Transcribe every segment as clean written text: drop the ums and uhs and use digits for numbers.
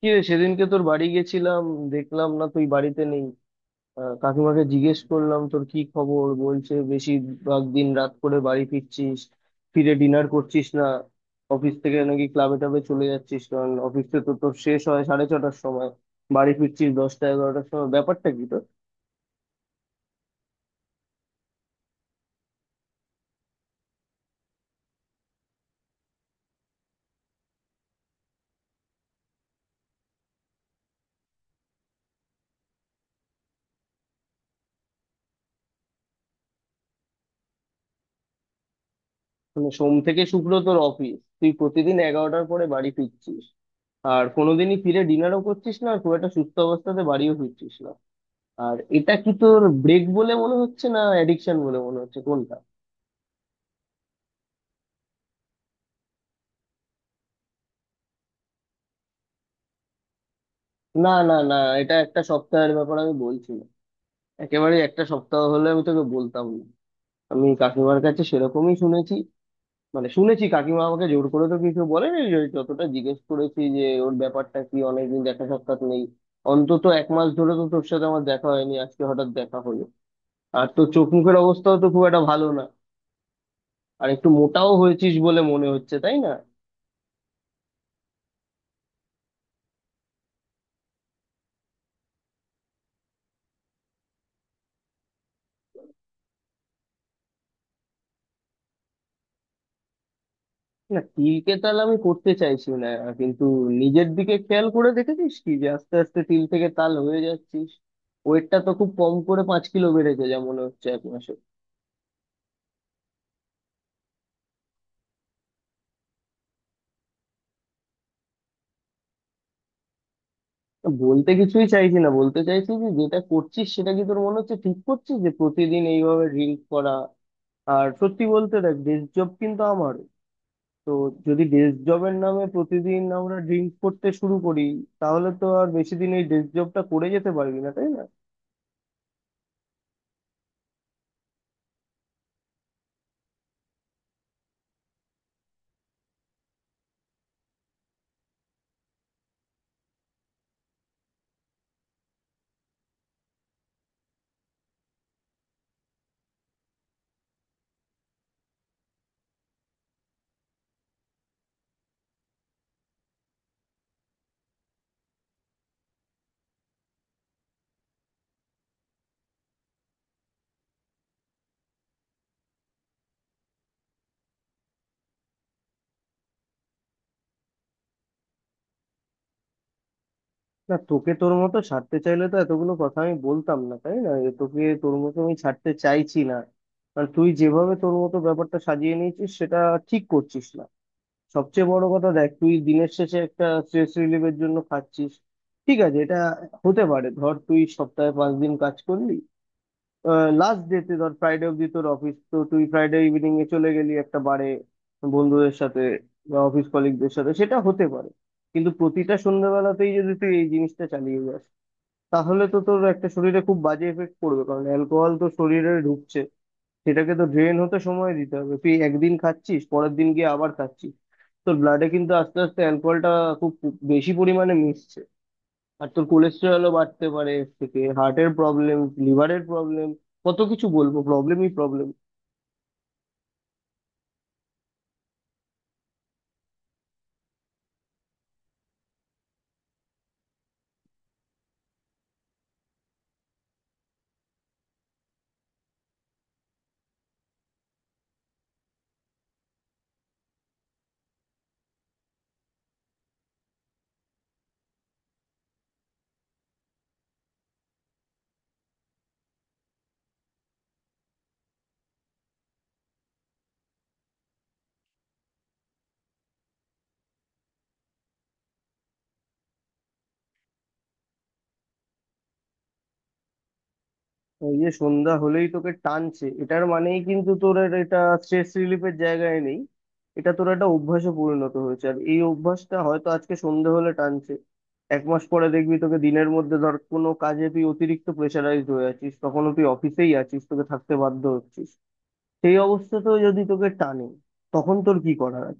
কি রে, সেদিনকে তোর বাড়ি গেছিলাম। দেখলাম না তুই বাড়িতে নেই। কাকিমাকে জিজ্ঞেস করলাম তোর কি খবর, বলছে বেশিরভাগ দিন রাত করে বাড়ি ফিরছিস, ফিরে ডিনার করছিস না, অফিস থেকে নাকি ক্লাবে টাবে চলে যাচ্ছিস, কারণ অফিস তো তোর শেষ হয় সাড়ে 6টার সময়, বাড়ি ফিরছিস 10টা 11টার সময়। ব্যাপারটা কি তোর? মানে সোম থেকে শুক্র তোর অফিস, তুই প্রতিদিন 11টার পরে বাড়ি ফিরছিস, আর কোনোদিনই ফিরে ডিনারও করছিস না, আর খুব একটা সুস্থ অবস্থাতে বাড়িও ফিরছিস না। আর এটা কি তোর ব্রেক বলে মনে হচ্ছে, না অ্যাডিকশন বলে মনে হচ্ছে, কোনটা? না না না, এটা একটা সপ্তাহের ব্যাপার আমি বলছি না। একেবারে একটা সপ্তাহ হলে আমি তোকে বলতাম না। আমি কাকিমার কাছে সেরকমই শুনেছি। মানে শুনেছি, কাকিমা আমাকে জোর করে তো কিছু বলেনি, যে যতটা জিজ্ঞেস করেছি যে ওর ব্যাপারটা কি, অনেকদিন দেখা সাক্ষাৎ নেই। অন্তত 1 মাস ধরে তো তোর সাথে আমার দেখা হয়নি, আজকে হঠাৎ দেখা হলো। আর তোর চোখ মুখের অবস্থাও তো খুব একটা ভালো না। আর একটু মোটাও হয়েছিস বলে মনে হচ্ছে, তাই না? না, তিলকে তাল আমি করতে চাইছি না, কিন্তু নিজের দিকে খেয়াল করে দেখেছিস কি, যে আস্তে আস্তে তিল থেকে তাল হয়ে যাচ্ছিস? ওয়েটটা তো খুব কম করে 5 কিলো বেড়েছে যা মনে হচ্ছে 1 মাসে। তা বলতে কিছুই চাইছি না, বলতে চাইছি যে যেটা করছিস সেটা কি তোর মনে হচ্ছে ঠিক করছিস, যে প্রতিদিন এইভাবে ড্রিঙ্ক করা? আর সত্যি বলতে দেখ, ডেস্ক জব কিন্তু আমার, তো যদি ডেস্ক জবের নামে প্রতিদিন আমরা ড্রিঙ্ক করতে শুরু করি, তাহলে তো আর বেশি দিন এই ডেস্ক জবটা করে যেতে পারবি না, তাই না? না, তোকে তোর মতো ছাড়তে চাইলে তো এতগুলো কথা আমি বলতাম না, তাই না? এ, তোকে তোর মতো আমি ছাড়তে চাইছি না। কারণ তুই যেভাবে তোর মতো ব্যাপারটা সাজিয়ে নিয়েছিস, সেটা ঠিক করছিস না। সবচেয়ে বড় কথা দেখ, তুই দিনের শেষে একটা স্ট্রেস রিলিফের জন্য খাচ্ছিস, ঠিক আছে, এটা হতে পারে। ধর তুই সপ্তাহে 5 দিন কাজ করলি, লাস্ট ডেতে ধর ফ্রাইডে অব্দি তোর অফিস, তো তুই ফ্রাইডে ইভিনিং এ চলে গেলি একটা বারে বন্ধুদের সাথে বা অফিস কলিগদের সাথে, সেটা হতে পারে। কিন্তু প্রতিটা সন্ধ্যাবেলাতেই যদি তুই এই জিনিসটা চালিয়ে যাস, তাহলে তো তোর একটা শরীরে খুব বাজে এফেক্ট পড়বে, কারণ অ্যালকোহল তো শরীরে ঢুকছে, সেটাকে তো ড্রেন হতে সময় দিতে হবে। তুই একদিন খাচ্ছিস, পরের দিন গিয়ে আবার খাচ্ছিস, তোর ব্লাডে কিন্তু আস্তে আস্তে অ্যালকোহলটা খুব বেশি পরিমাণে মিশছে। আর তোর কোলেস্টেরলও বাড়তে পারে এর থেকে, হার্টের প্রবলেম, লিভারের প্রবলেম, কত কিছু বলবো, প্রবলেমই প্রবলেম। ওই যে সন্ধ্যা হলেই তোকে টানছে, এটার মানেই কিন্তু তোর আর এটা স্ট্রেস রিলিফের জায়গায় নেই। এটা তোর একটা অভ্যাসে পরিণত হয়েছে, আর এই অভ্যাসটা হয়তো আজকে সন্ধ্যা হলে টানছে, 1 মাস পরে দেখবি তোকে দিনের মধ্যে ধর কোনো কাজে তুই অতিরিক্ত প্রেশারাইজড হয়ে আছিস, তখনও তুই অফিসেই আছিস, তোকে থাকতে বাধ্য হচ্ছিস, সেই অবস্থাতেও যদি তোকে টানে, তখন তোর কি করার?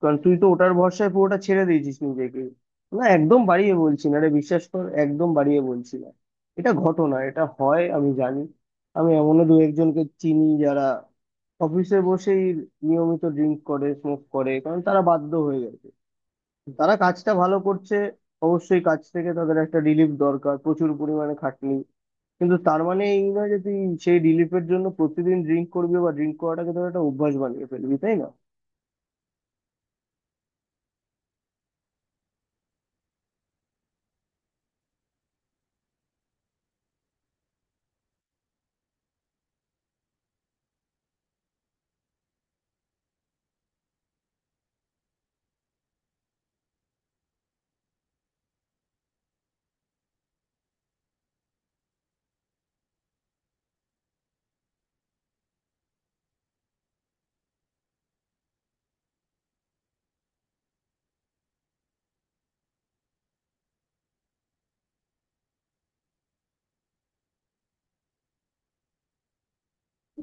কারণ তুই তো ওটার ভরসায় পুরোটা ছেড়ে দিয়েছিস নিজেকে। না, একদম বাড়িয়ে বলছি না রে, বিশ্বাস কর, একদম বাড়িয়ে বলছি না। এটা ঘটনা, এটা হয়, আমি জানি। আমি এমনও দু একজনকে চিনি যারা অফিসে বসেই নিয়মিত ড্রিঙ্ক করে, স্মোক করে, কারণ তারা বাধ্য হয়ে গেছে। তারা কাজটা ভালো করছে, অবশ্যই কাজ থেকে তাদের একটা রিলিফ দরকার, প্রচুর পরিমাণে খাটনি। কিন্তু তার মানে এই নয় যে তুই সেই রিলিফের জন্য প্রতিদিন ড্রিঙ্ক করবি বা ড্রিঙ্ক করাটাকে তোর একটা অভ্যাস বানিয়ে ফেলবি, তাই না?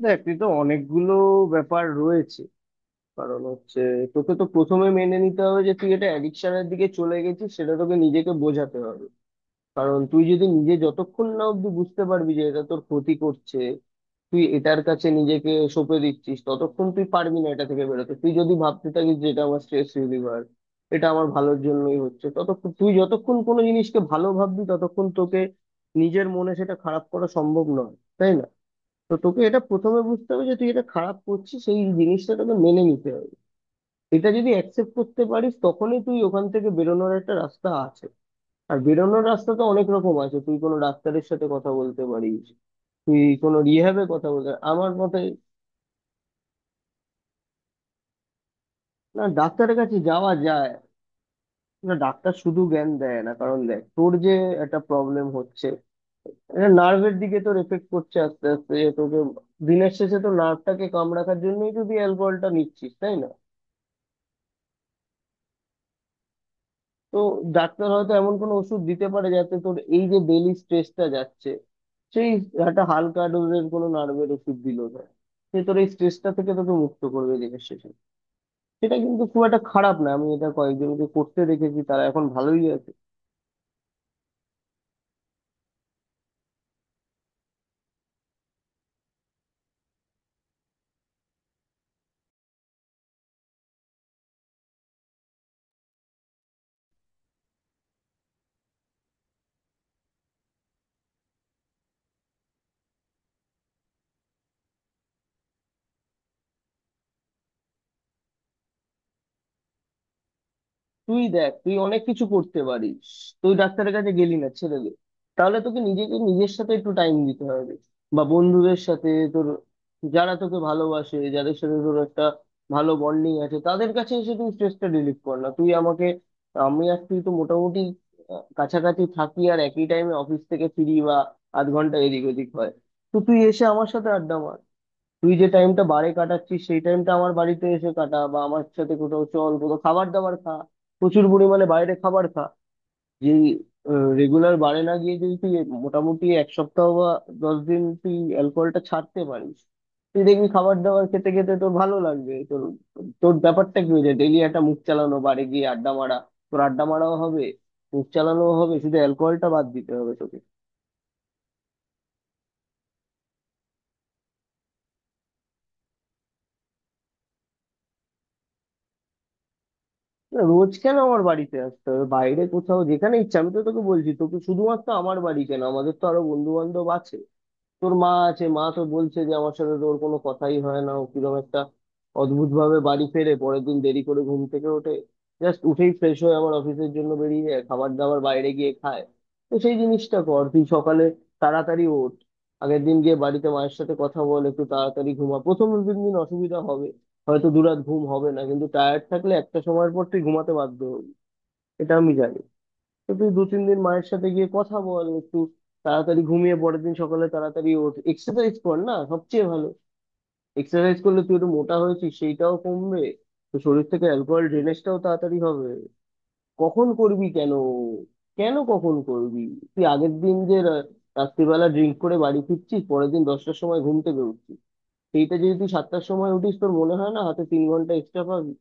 দেখ, তুই তো অনেকগুলো ব্যাপার রয়েছে। কারণ হচ্ছে, তোকে তো প্রথমে মেনে নিতে হবে যে তুই এটা অ্যাডিকশনের দিকে চলে গেছিস, সেটা তোকে নিজেকে বোঝাতে হবে। কারণ তুই যদি নিজে যতক্ষণ না অব্দি বুঝতে পারবি যে এটা তোর ক্ষতি করছে, তুই এটার কাছে নিজেকে সঁপে দিচ্ছিস, ততক্ষণ তুই পারবি না এটা থেকে বেরোতে। তুই যদি ভাবতে থাকিস যে এটা আমার স্ট্রেস রিলিভার, এটা আমার ভালোর জন্যই হচ্ছে, ততক্ষণ তুই যতক্ষণ কোনো জিনিসকে ভালো ভাববি ততক্ষণ তোকে নিজের মনে সেটা খারাপ করা সম্ভব নয়, তাই না? তো তোকে এটা প্রথমে বুঝতে হবে যে তুই এটা খারাপ করছিস, সেই জিনিসটা তোকে মেনে নিতে হবে। এটা যদি অ্যাকসেপ্ট করতে পারিস, তখনই তুই ওখান থেকে বেরোনোর একটা রাস্তা আছে। আর বেরোনোর রাস্তা তো অনেক রকম আছে, তুই কোনো ডাক্তারের সাথে কথা বলতে পারিস, তুই কোনো রিহ্যাবে কথা বলতে, আমার মতে। না, ডাক্তারের কাছে যাওয়া যায়। না, ডাক্তার শুধু জ্ঞান দেয় না, কারণ দেখ তোর যে একটা প্রবলেম হচ্ছে, এটা নার্ভের দিকে তোর এফেক্ট করছে আস্তে আস্তে, যে তোকে দিনের শেষে তো নার্ভটাকে কামড় রাখার জন্যই তো তুই অ্যালকোহলটা নিচ্ছিস, তাই না? তো ডাক্তার হয়তো এমন কোনো ওষুধ দিতে পারে যাতে তোর এই যে ডেইলি স্ট্রেসটা যাচ্ছে, সেই একটা হালকা ডোজের কোনো নার্ভের ওষুধ দিল, সে তোর এই স্ট্রেসটা থেকে তোকে মুক্ত করবে দিনের শেষে। সেটা কিন্তু খুব একটা খারাপ না, আমি এটা কয়েকজনকে করতে দেখেছি, তারা এখন ভালোই আছে। তুই দেখ, তুই অনেক কিছু করতে পারিস। তুই ডাক্তারের কাছে গেলি না, ছেড়ে দে। তাহলে তোকে নিজেকে নিজের সাথে একটু টাইম দিতে হবে, বা বন্ধুদের সাথে তোর যারা তোকে ভালোবাসে, যাদের সাথে তোর একটা ভালো বন্ডিং আছে, তাদের কাছে এসে তুই স্ট্রেসটা রিলিফ কর না। তুই আমাকে, আমি আর তুই তো মোটামুটি কাছাকাছি থাকি, আর একই টাইমে অফিস থেকে ফিরি বা আধ ঘন্টা এদিক ওদিক হয়। তো তুই এসে আমার সাথে আড্ডা মার। তুই যে টাইমটা বারে কাটাচ্ছিস, সেই টাইমটা আমার বাড়িতে এসে কাটা, বা আমার সাথে কোথাও চল, কোথাও খাবার দাবার খা, প্রচুর পরিমাণে বাইরে খাবার খা। যে রেগুলার বারে না গিয়ে যদি তুই মোটামুটি 1 সপ্তাহ বা 10 দিন তুই অ্যালকোহলটা ছাড়তে পারিস, তুই দেখবি খাবার দাবার খেতে খেতে তোর ভালো লাগবে। তোর তোর ব্যাপারটা কি হয়ে যায়, ডেইলি একটা মুখ চালানো, বারে গিয়ে আড্ডা মারা। তোর আড্ডা মারাও হবে, মুখ চালানোও হবে, শুধু অ্যালকোহলটা বাদ দিতে হবে তোকে। না, রোজ কেন আমার বাড়িতে আসতে হবে, বাইরে কোথাও যেখানে ইচ্ছা, আমি তো তোকে বলছি, তোকে শুধুমাত্র আমার বাড়ি কেন, আমাদের তো আরো বন্ধু বান্ধব আছে। তোর মা আছে, মা তো বলছে যে আমার সাথে তোর কোনো কথাই হয় না, ও কিরকম একটা অদ্ভুত ভাবে বাড়ি ফেরে, পরের দিন দেরি করে ঘুম থেকে ওঠে, জাস্ট উঠেই ফ্রেশ হয়ে আবার অফিসের জন্য বেরিয়ে যায়, খাবার দাবার বাইরে গিয়ে খায়। তো সেই জিনিসটা কর, তুই সকালে তাড়াতাড়ি ওঠ, আগের দিন গিয়ে বাড়িতে মায়ের সাথে কথা বল, একটু তাড়াতাড়ি ঘুমা। প্রথম 2-3 দিন অসুবিধা হবে, হয়তো 2 রাত ঘুম হবে না, কিন্তু টায়ার্ড থাকলে একটা সময়ের পর তুই ঘুমাতে বাধ্য হবি, এটা আমি জানি। তো তুই 2-3 দিন মায়ের সাথে গিয়ে কথা বল, একটু তাড়াতাড়ি ঘুমিয়ে পরের দিন সকালে তাড়াতাড়ি ওঠ, এক্সারসাইজ কর না সবচেয়ে ভালো। এক্সারসাইজ করলে তুই একটু মোটা হয়েছিস সেইটাও কমবে, তো শরীর থেকে অ্যালকোহল ড্রেনেজটাও তাড়াতাড়ি হবে। কখন করবি কেন? কেন কখন করবি? তুই আগের দিন যে রাত্রিবেলা ড্রিঙ্ক করে বাড়ি ফিরছিস, পরের দিন 10টার সময় ঘুম থেকে উঠছিস, সেইটা যদি তুই 7টার সময় উঠিস, তোর মনে হয় না হাতে 3 ঘন্টা এক্সট্রা পাবি?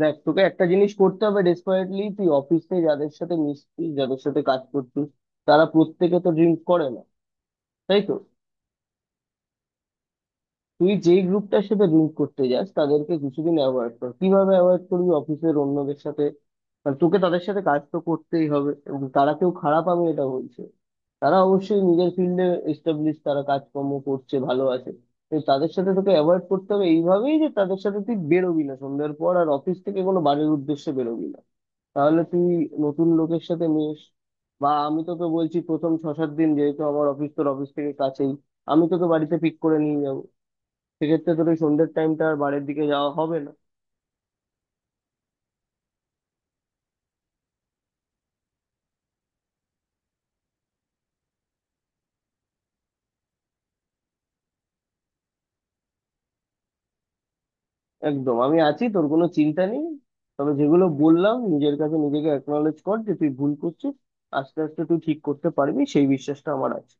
দেখ, তোকে একটা জিনিস করতে হবে ডেসপারেটলি, তুই অফিসে যাদের সাথে মিশছিস, যাদের সাথে কাজ করছিস, তারা প্রত্যেকে তো ড্রিঙ্ক করে না, তাই তো? তুই যেই গ্রুপটার সাথে ড্রিঙ্ক করতে যাস, তাদেরকে কিছুদিন অ্যাভয়েড কর, কিভাবে অ্যাভয়েড করবি, অফিসের অন্যদের সাথে আর তোকে তাদের সাথে কাজ তো করতেই হবে, এবং তারা কেউ খারাপ আমি এটা বলছে। তারা অবশ্যই নিজের ফিল্ডে এস্টাবলিশ, তারা কাজকর্ম করছে, ভালো আছে। তো তাদের সাথে তোকে অ্যাভয়েড করতে হবে এইভাবেই, যে তাদের সাথে তুই বেরোবি না সন্ধ্যার পর, আর অফিস থেকে কোনো বাড়ির উদ্দেশ্যে বেরোবি না। তাহলে তুই নতুন লোকের সাথে মিশ, বা আমি তোকে বলছি প্রথম 6-7 দিন, যেহেতু আমার অফিস তোর অফিস থেকে কাছেই, আমি তোকে বাড়িতে পিক করে নিয়ে যাবো, সেক্ষেত্রে তোর ওই সন্ধ্যের টাইমটা আর বাড়ির দিকে যাওয়া হবে না। একদম, আমি আছি, তোর কোনো চিন্তা নেই। তবে যেগুলো বললাম, নিজের কাছে নিজেকে অ্যাকনোলেজ কর যে তুই ভুল করছিস। আস্তে আস্তে তুই ঠিক করতে পারবি, সেই বিশ্বাসটা আমার আছে।